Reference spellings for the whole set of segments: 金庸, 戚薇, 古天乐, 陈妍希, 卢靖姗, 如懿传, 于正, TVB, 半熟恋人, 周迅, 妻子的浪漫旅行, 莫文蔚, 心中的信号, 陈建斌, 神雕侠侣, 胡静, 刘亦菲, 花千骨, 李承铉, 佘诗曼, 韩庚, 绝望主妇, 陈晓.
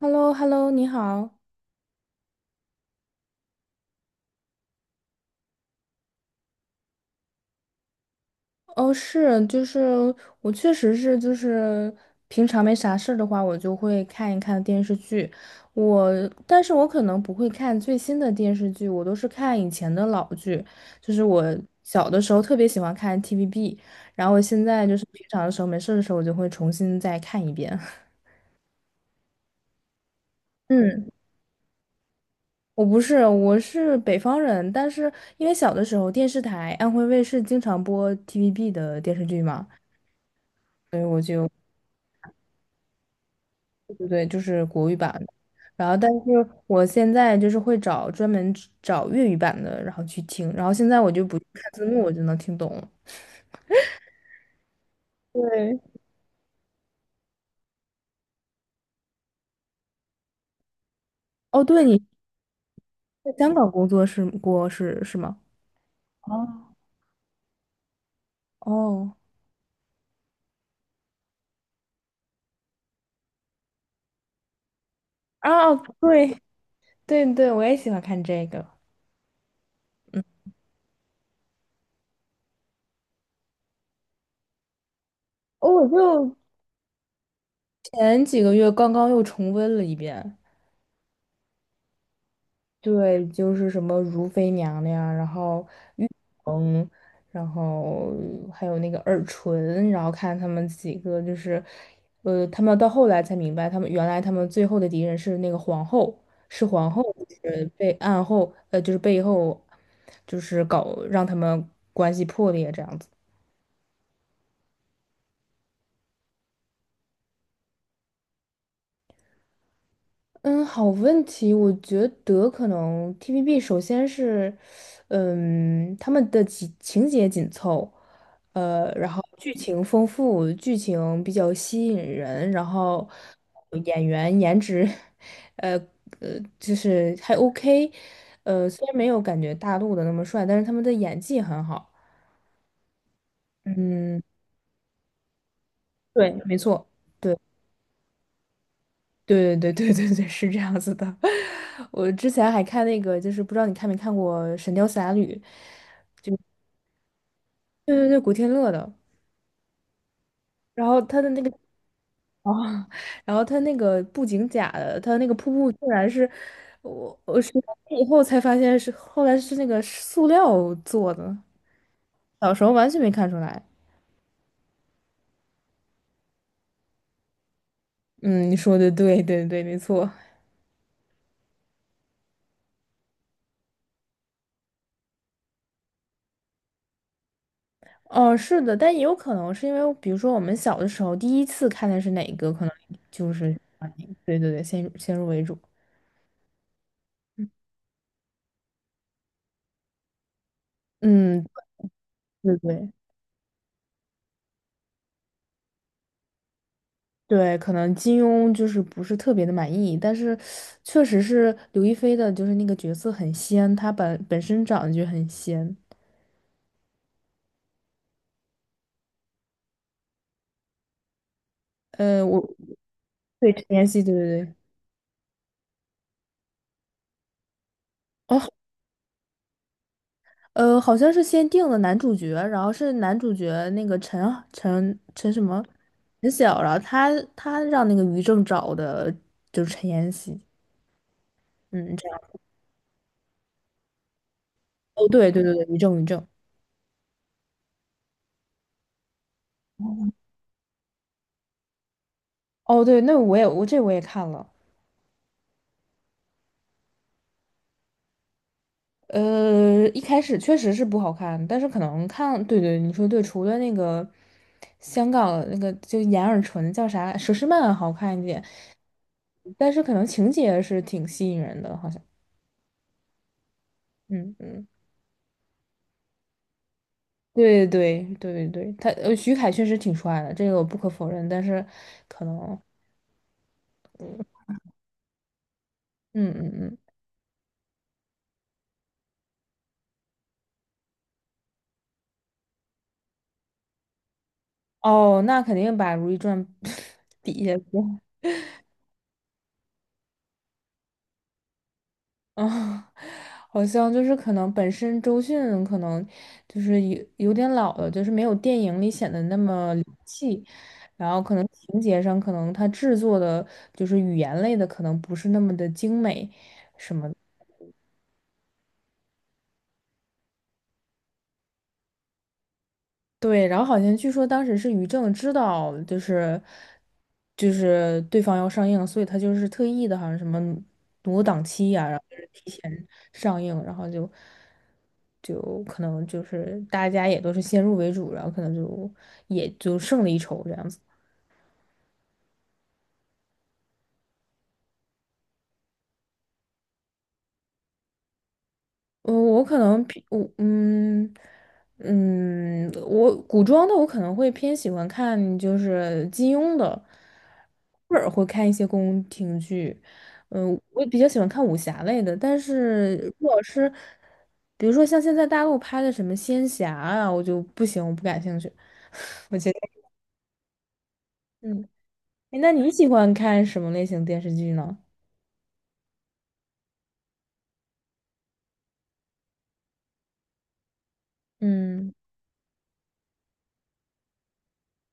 h e l l o h e l l o 你好。哦，是，就是我确实是，就是平常没啥事儿的话，我就会看一看电视剧。我，但是我可能不会看最新的电视剧，我都是看以前的老剧。就是我小的时候特别喜欢看 TVB,然后我现在就是平常的时候没事儿的时候，我就会重新再看一遍。嗯，我不是，我是北方人，但是因为小的时候电视台安徽卫视经常播 TVB 的电视剧嘛。所以我就。对对对，就是国语版的然后，但是我现在就是会找专门只找粤语版的，然后去听。然后现在我就不去看字幕，我就能听懂了。对，哦，对，你在香港工作是过是是吗？哦，哦，啊，哦对对对，我也喜欢看这个。嗯，哦，我就前几个月刚刚又重温了一遍。对，就是什么如妃娘娘，然后嗯，然后还有那个耳唇，然后看他们几个就是，他们到后来才明白，他们原来他们最后的敌人是那个皇后，是皇后，就是被暗后，就是背后，就是搞让他们关系破裂这样子。嗯，好问题。我觉得可能 TVB 首先是，嗯，他们的情节紧凑，然后剧情丰富，剧情比较吸引人，然后呃演员颜值，呃就是还 OK,虽然没有感觉大陆的那么帅，但是他们的演技很好。嗯，对，没错。对对对对对，对，是这样子的。我之前还看那个，就是不知道你看没看过《神雕侠侣》，对对对，古天乐的。然后他的那个哦，然后他那个布景假的，他那个瀑布竟然是我是以后才发现是后来是那个塑料做的，小时候完全没看出来。嗯，你说的对对对，没错。哦，是的，但也有可能是因为，比如说我们小的时候第一次看的是哪个，可能就是对对对，先入为主。嗯，对对对，可能金庸就是不是特别的满意，但是确实是刘亦菲的，就是那个角色很仙，她本身长得就很仙。我对陈妍希，对对对，哦，好像是先定了男主角，然后是男主角那个陈什么陈晓，然后他让那个于正找的，就是陈妍希，嗯，这样，哦，对对对对，于正于正，哦，对，那我也我这我也看了。一开始确实是不好看，但是可能看，对对，你说对，除了那个香港那个就眼耳唇叫啥佘诗曼好看一点，但是可能情节是挺吸引人的，好像，嗯嗯，对对对对对，他呃徐凯确实挺帅的，这个我不可否认，但是可能，嗯嗯嗯，哦，那肯定把《如懿传》比下去，啊，好像就是可能本身周迅可能就是有点老了，就是没有电影里显得那么灵气，然后可能情节上可能它制作的就是语言类的可能不是那么的精美，对，然后好像据说当时是于正知道，就是对方要上映，所以他就是特意的，好像什么挪档期呀、然后就是提前上映，然后就可能就是大家也都是先入为主，然后可能就也就胜了一筹这样子。我可能偏我嗯嗯，我古装的我可能会偏喜欢看就是金庸的，偶尔会看一些宫廷剧，嗯，我比较喜欢看武侠类的，但是如果是比如说像现在大陆拍的什么仙侠啊，我就不行，我不感兴趣，我觉得嗯，诶那你喜欢看什么类型电视剧呢？嗯，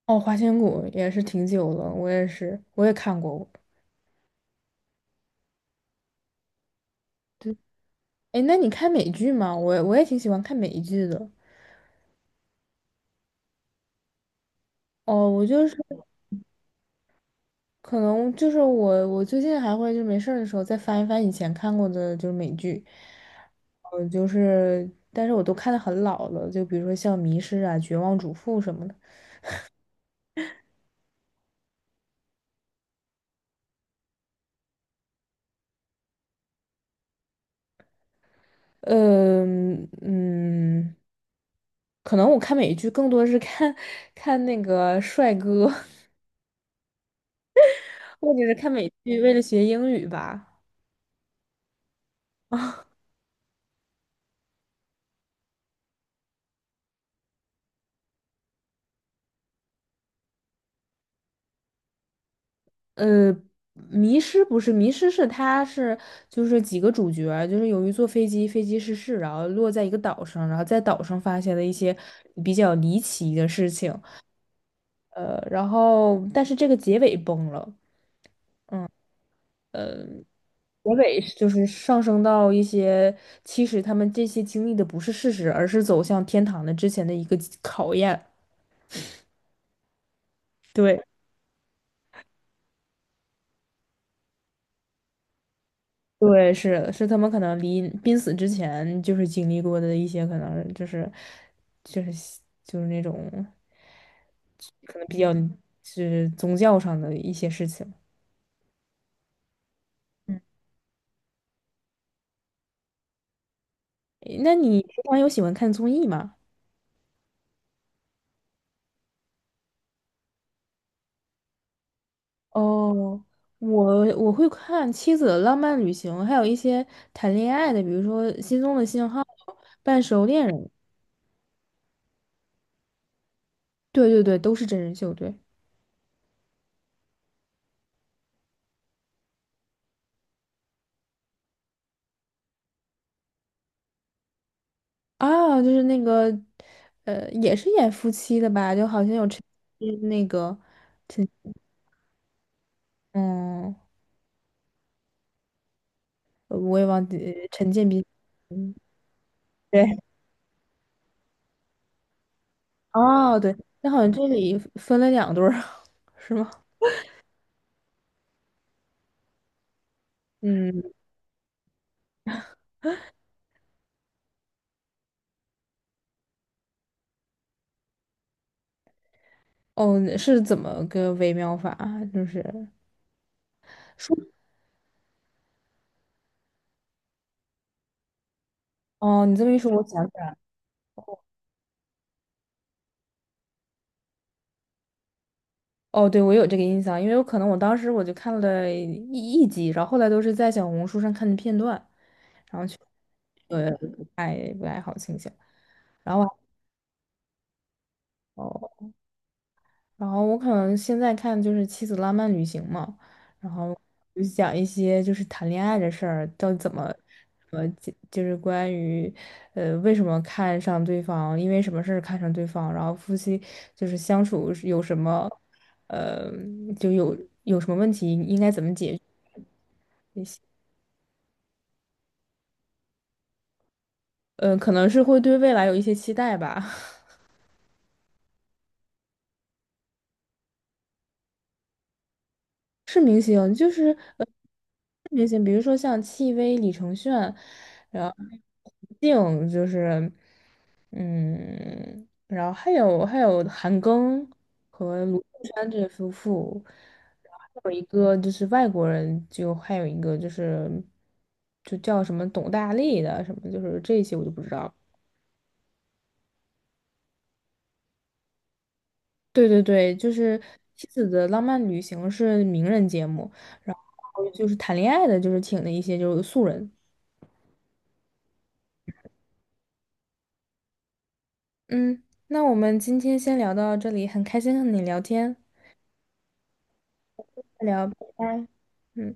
哦，《花千骨》也是挺久了，我也是，我也看过。对。哎，那你看美剧吗？我也挺喜欢看美剧的。哦，我就是可能就是我最近还会就没事儿的时候再翻一翻以前看过的就是美剧，就是但是我都看的很老了，就比如说像《迷失》啊、《绝望主妇》什么的。嗯嗯，可能我看美剧更多是看 看那个帅哥，或者是看美剧为了学英语吧。呃，迷失不是迷失，是他是就是几个主角儿就是由于坐飞机，飞机失事，然后落在一个岛上，然后在岛上发现了一些比较离奇的事情，然后但是这个结尾崩了，结尾是就是上升到一些其实他们这些经历的不是事实，而是走向天堂的之前的一个考验，对。对，是是他们可能离濒死之前就是经历过的一些，可能就是就是就是那种可能比较是宗教上的一些事情。嗯，诶那你平常有喜欢看综艺吗？哦，我会看《妻子的浪漫旅行》，还有一些谈恋爱的，比如说《心中的信号》《半熟恋人》。对对对，都是真人秀，对。啊，就是那个，也是演夫妻的吧？就好像有陈，嗯那个，嗯，我也忘记呃陈建斌，嗯，对，哦，对，那好像这里分了两对儿，是吗？嗯，哦，是怎么个微妙法啊就是说，哦，你这么一说，我想起来了，哦，对，我有这个印象，因为我可能我当时我就看了一集，然后后来都是在小红书上看的片段，然后啊。哦然后我可能现在看就是《妻子浪漫旅行》嘛，然后就讲一些就是谈恋爱的事儿，到底怎么，呃，就是关于，为什么看上对方，因为什么事儿看上对方，然后夫妻就是相处是有什么，呃，就有有什么问题应该怎么解决，可能是会对未来有一些期待吧。是明星，就是呃，明星，比如说像戚薇、李承铉，然后胡静，就是嗯，然后还有韩庚和卢靖姗这夫妇，然后还有一个就是外国人，就还有一个就是就叫什么董大力的什么，就是这些我就不知道了对对对，就是《妻子的浪漫旅行》是名人节目，然后就是谈恋爱的，就是请的一些就是素人。嗯，那我们今天先聊到这里，很开心和你聊天，再聊，拜拜。嗯。